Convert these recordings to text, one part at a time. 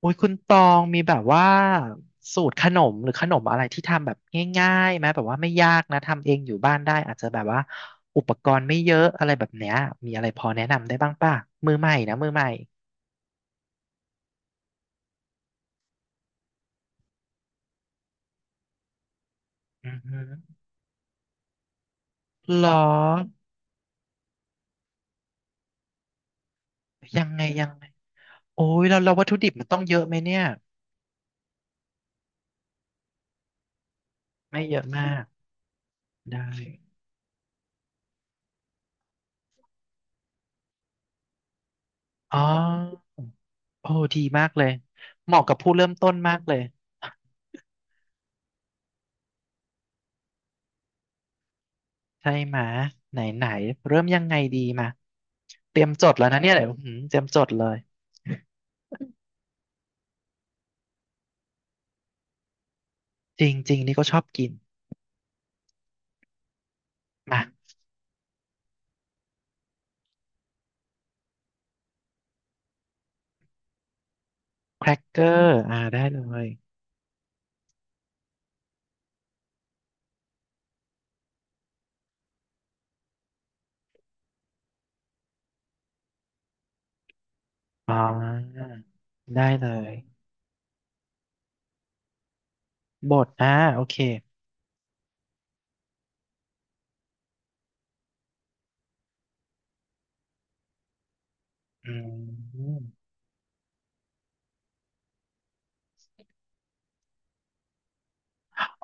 โอุ้ยคุณตองมีแบบว่าสูตรขนมหรือขนมอะไรที่ทำแบบง่ายๆไหมแบบว่าไม่ยากนะทำเองอยู่บ้านได้อาจจะแบบว่าอุปกรณ์ไม่เยอะอะไรแบบเนี้ยมีอะไรพอแนะนำได้บ้างป่ะมือใหม่นะมือใหม่อือหือหรอยังไงยังไงโอ้ยเราเราวัตถุดิบมันต้องเยอะไหมเนี่ยไม่เยอะมากได้อ๋อโอ้ดีมากเลยเหมาะกับผู้เริ่มต้นมากเลยใช่ไหมะไหนไหนเริ่มยังไงดีมาเตรียมจดแล้วนะเนี่ยเดี๋ยวอื้อหือเตรียมจดเลย จริงๆนี่ก็ชอบกินอ่ะแครกเกอร์อ่าได้เลยอ๋อได้เลยบดอ่าโอเคอืม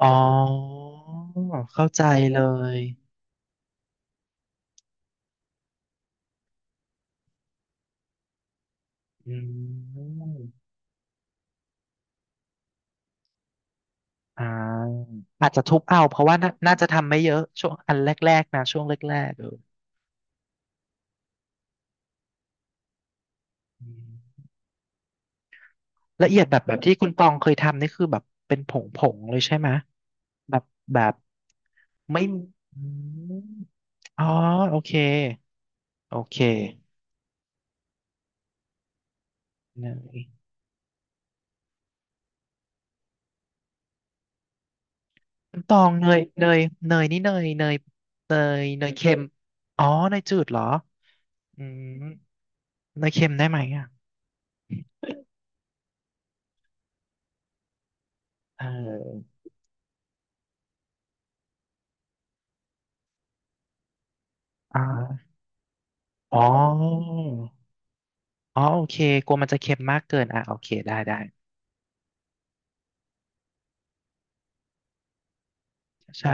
อ๋อเข้าใจเลยอืมอ่าอาจจะทุบเอาเพราะว่าน่าน่าจะทำไม่เยอะช่วงอันแรกๆนะช่วงแรกๆเอออืมละเอียดแบบแบบที่คุณตองเคยทำนี่คือแบบเป็นผงๆเลยใช่ไหมแบบแบบไม่อืมอ๋อโอเค โอเคเนยน้ำตองเนยเนยเนยนี่เนยเนยเนยเนยเค็มอ๋อเนยจืดเหรออืมเนยเค็มได้ไหมอ่ะเอออ่าอ๋ออ๋อโอเคกลัวมันจะเค็มมากเกินอ่ะโอเคได้ได้ใช่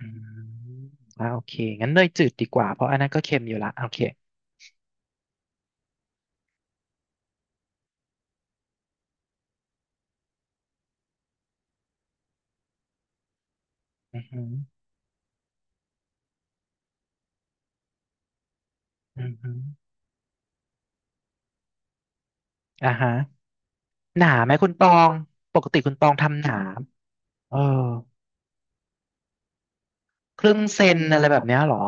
อืมอ่าโอเคงั้นเนยจืดดีกว่าเพราะอันนั้นก็เค็มอยู่ละโอเคอือหืออือหืออ่าฮะหนาไหมคุณตองปกติคุณตองทำหนาเออครึ่งเซนอะไรแบบเนี้ยเหรอ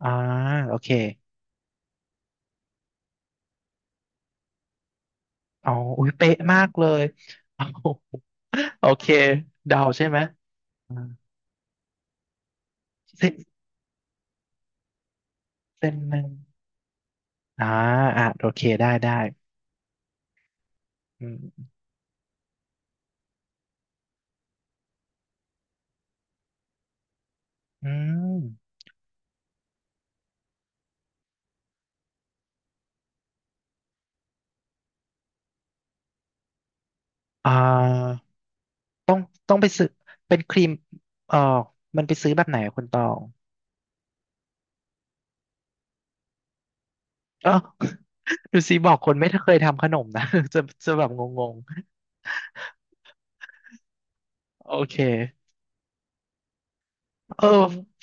อ่าโอเคเอาอุ้ยเป๊ะมากเลย เอาโอเคเดาใช่ไหมอ่าเส้นเส้นหนึ่งอ่าอ่ะโอเคได้ได้อืมอืมอ่าต้องต้องไปซื้อเป็นครีมเออมันไปซื้อแบบไหนอะคุณตองเออ ดูสิบอกคนไม่เคยทำขนมนะ จะจะแบบงงๆโอเคเออ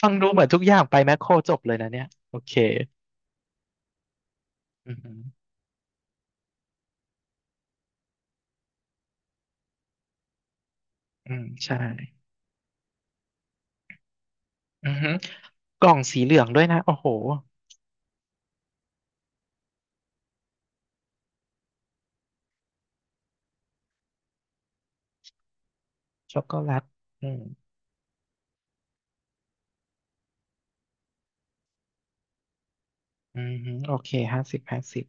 ฟังดูเหมือนทุกอย่างไปแมคโครจบเลยนะเนี่ยโอเคอืมอหืออืมใช่ อือฮึกล่องสีเหลืองด้วยนะโอ้โหช็อกโกแลตอืมอือฮึโอเค50 50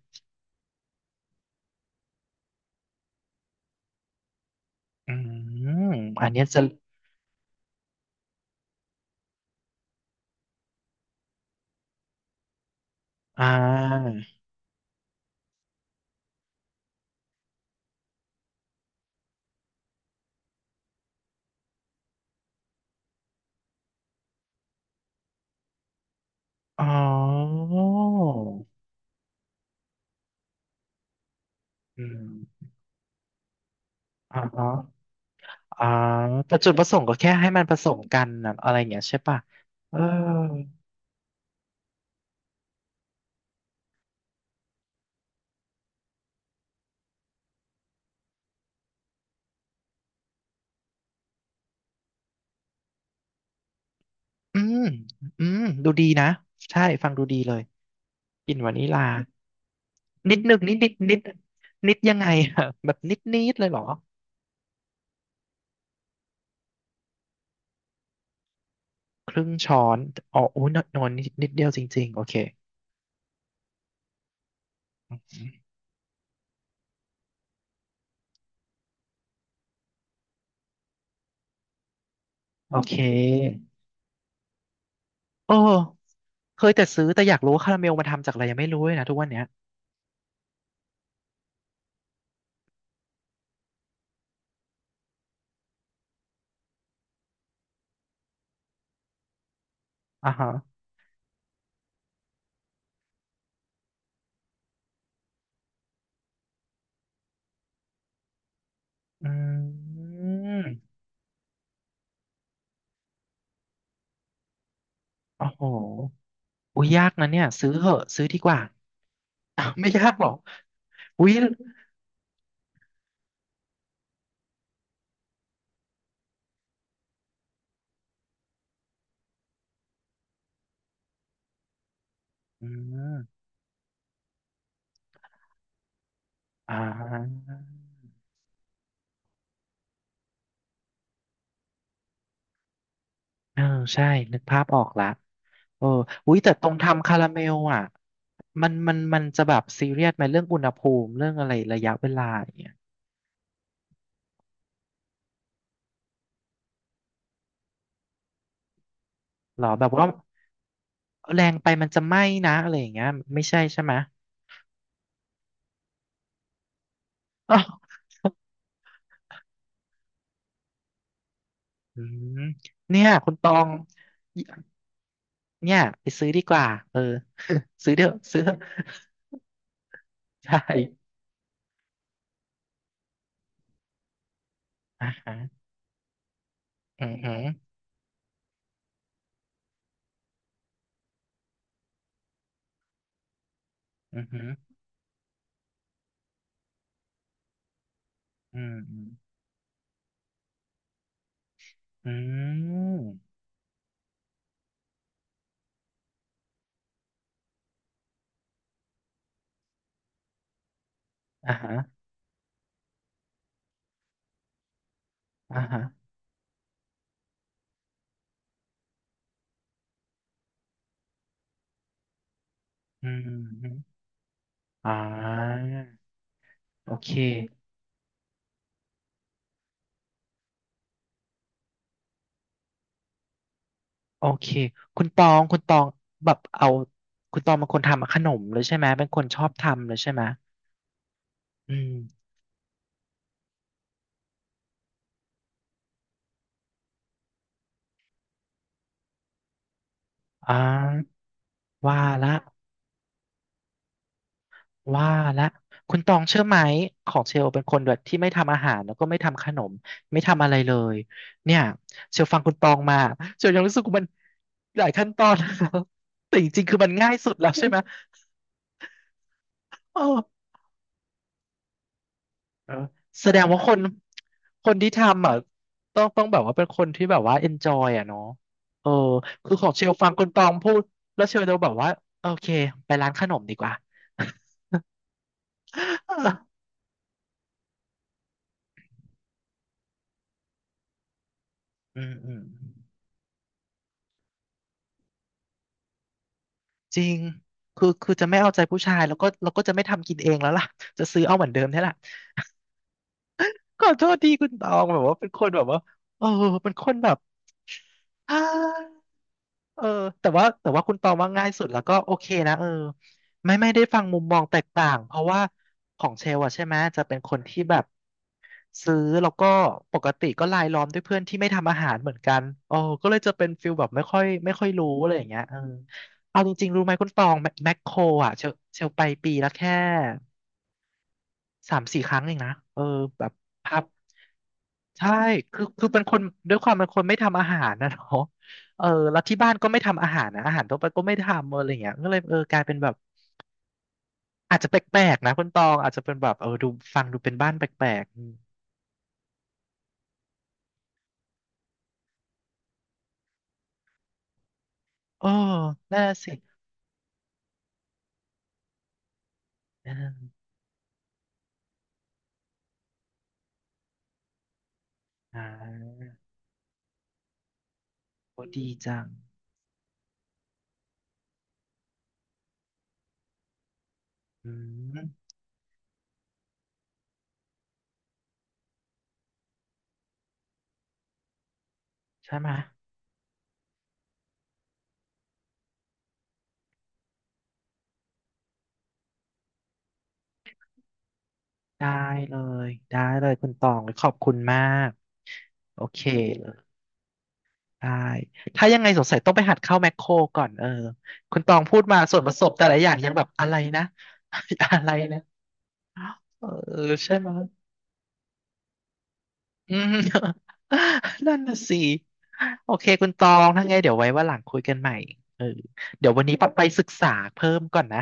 อืมอันเนี้ยจะอ่าอ๋ออืมอ๋ออ๋อแต่จุดประสงค์ก็แค่ให้มันผสมกันนะอะไรอย่างเงี้ยใช่ป่ะเอออืมอืมดูดีนะใช่ฟังดูดีเลยกลิ่นวานิลานิดนึงนิดนิดนิดนิดยังไงอะแบบนิดนิดเลยเหรอ ครึ่งช้อนอ๋อโอ้ยนนอนนิดนิดเดียวจริงๆโอเคโอเคโอ้เคยแต่ซื้อแต่อยากรู้ว่าคาราเมลมาทำจากอะไรยังไม่รู้เลยนะทุกวันเนี้ยอ่าฮะอืมโอ้โหอุ้ยยากนะเนี่ยซื้อเหอะซื้อดีกว่า อ้าไม่ยากหรอกอุ้ยอืมอ่าเออใช่นึกภาพออกละเอออุ้ยแต่ตรงทำคาราเมลอ่ะมันมันมันจะแบบซีเรียสไหมเรื่องอุณหภูมิเรื่องอะไรระยะเวลาอย่างเงี้ยหรอแบบว่า แรงไปมันจะไหม้นะอะไรอย่างเงี้ยไม่ใช่ใช่ไหมอ้าวอืมเนี่ยคุณตองเนี่ยไปซื้อดีกว่าเออ ซื้อเด้อะซื้อเถอะใช่อ่าฮะอือหืออือหืออืมอืมอ่าฮะอ่าฮะอืมอืมอ่าโอเคโอเคคุณตองคุณตองแบบเอาคุณตองเป็นคนทำขนมเลยใช่ไหมเป็นคนชอบทำเลยใช่ไหมอืมอ่าว่าละ ว่าละคุณตองเชื่อไหมของเชลเป็นคนแบบที่ไม่ทำอาหารแล้วก็ไม่ทำขนมไม่ทำอะไรเลยเนี่ยเชลฟังคุณตองมาเชลยังรู้สึกว่ามันหลายขั้นตอน แล้วแต่จริงๆคือมันง่ายสุดแล้วใช่ไหมเออเออแสดงว่าคนคนที่ทำอ่ะต้องต้องแบบว่าเป็นคนที่แบบว่า enjoy อ่ะเนาะเออคือของเชลฟังคุณตองพูดแล้วเชลจะแบบว่าโอเคไปร้านขนมดีกว่า อืม อืม จริงคือคือจะไม่เอาใจผู้ชายแล้วก็เราก็จะไม่ทำกินเองแล้วล่ะ จะซื้อเอาเหมือนเดิมนี่แหละขอโทษทีคุณตองแบบว่าเป็นคนแบบว่า เออเป็นคนแบบ เออแต่ว่าแต่ว่าคุณตองว่าง่ายสุดแล้วก็โอเคนะเออไม่ไม่ได้ฟังมุมมองแตกต่างเพราะว่าของเชลอะใช่ไหมจะเป็นคนที่แบบซื้อแล้วก็ปกติก็รายล้อมด้วยเพื่อนที่ไม่ทำอาหารเหมือนกันโอ้ก็เลยจะเป็นฟิลแบบไม่ค่อยไม่ค่อยรู้อะไรอย่างเงี้ยเออเอาจริงๆรู้ไหมคุณตองแมแมคโครอะเชลเชลไปปีละแค่สามสี่ครั้งเองนะเออแบบพับ ใช่คือคือเป็นคนด้วยความเป็นคนไม่ทำอาหารนะเนาะเออแล้วที่บ้านก็ไม่ทำอาหารนะอาหารทั่วไปก็ไม่ทำอะไรอย่างเงี้ยก็เลยเออกลายเป็นแบบ อาจจะแปลกๆนะ คุณตอง อาจจะเป็นแบบ เออดูฟังดูเป็นบ้านแปลกๆอืมเออน่าสิเอออ่าโอ้ดีจังอืมใช่ไหมยได้เลยได้เลยคุณตอง ขอบคุณมากโอเค ได้ ถ้ายังไงสงสัยต้องไปหัดเข้าแมคโครก่อน เออ คุณตองพูดมาส่วนผสมแต่ละอย่างยังแบบอะไรนะ อะไรนะเออใช่ไหมอืม นั่นน่ะสิ โอเคคุณตองถ้าไงเดี๋ยวไว้ว่าหลังคุยกันใหม่เออเดี๋ยววันนี้ปัดไปศึกษาเพิ่มก่อนนะ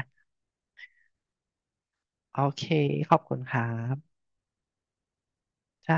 โอเคขอบคุณครับ ใช่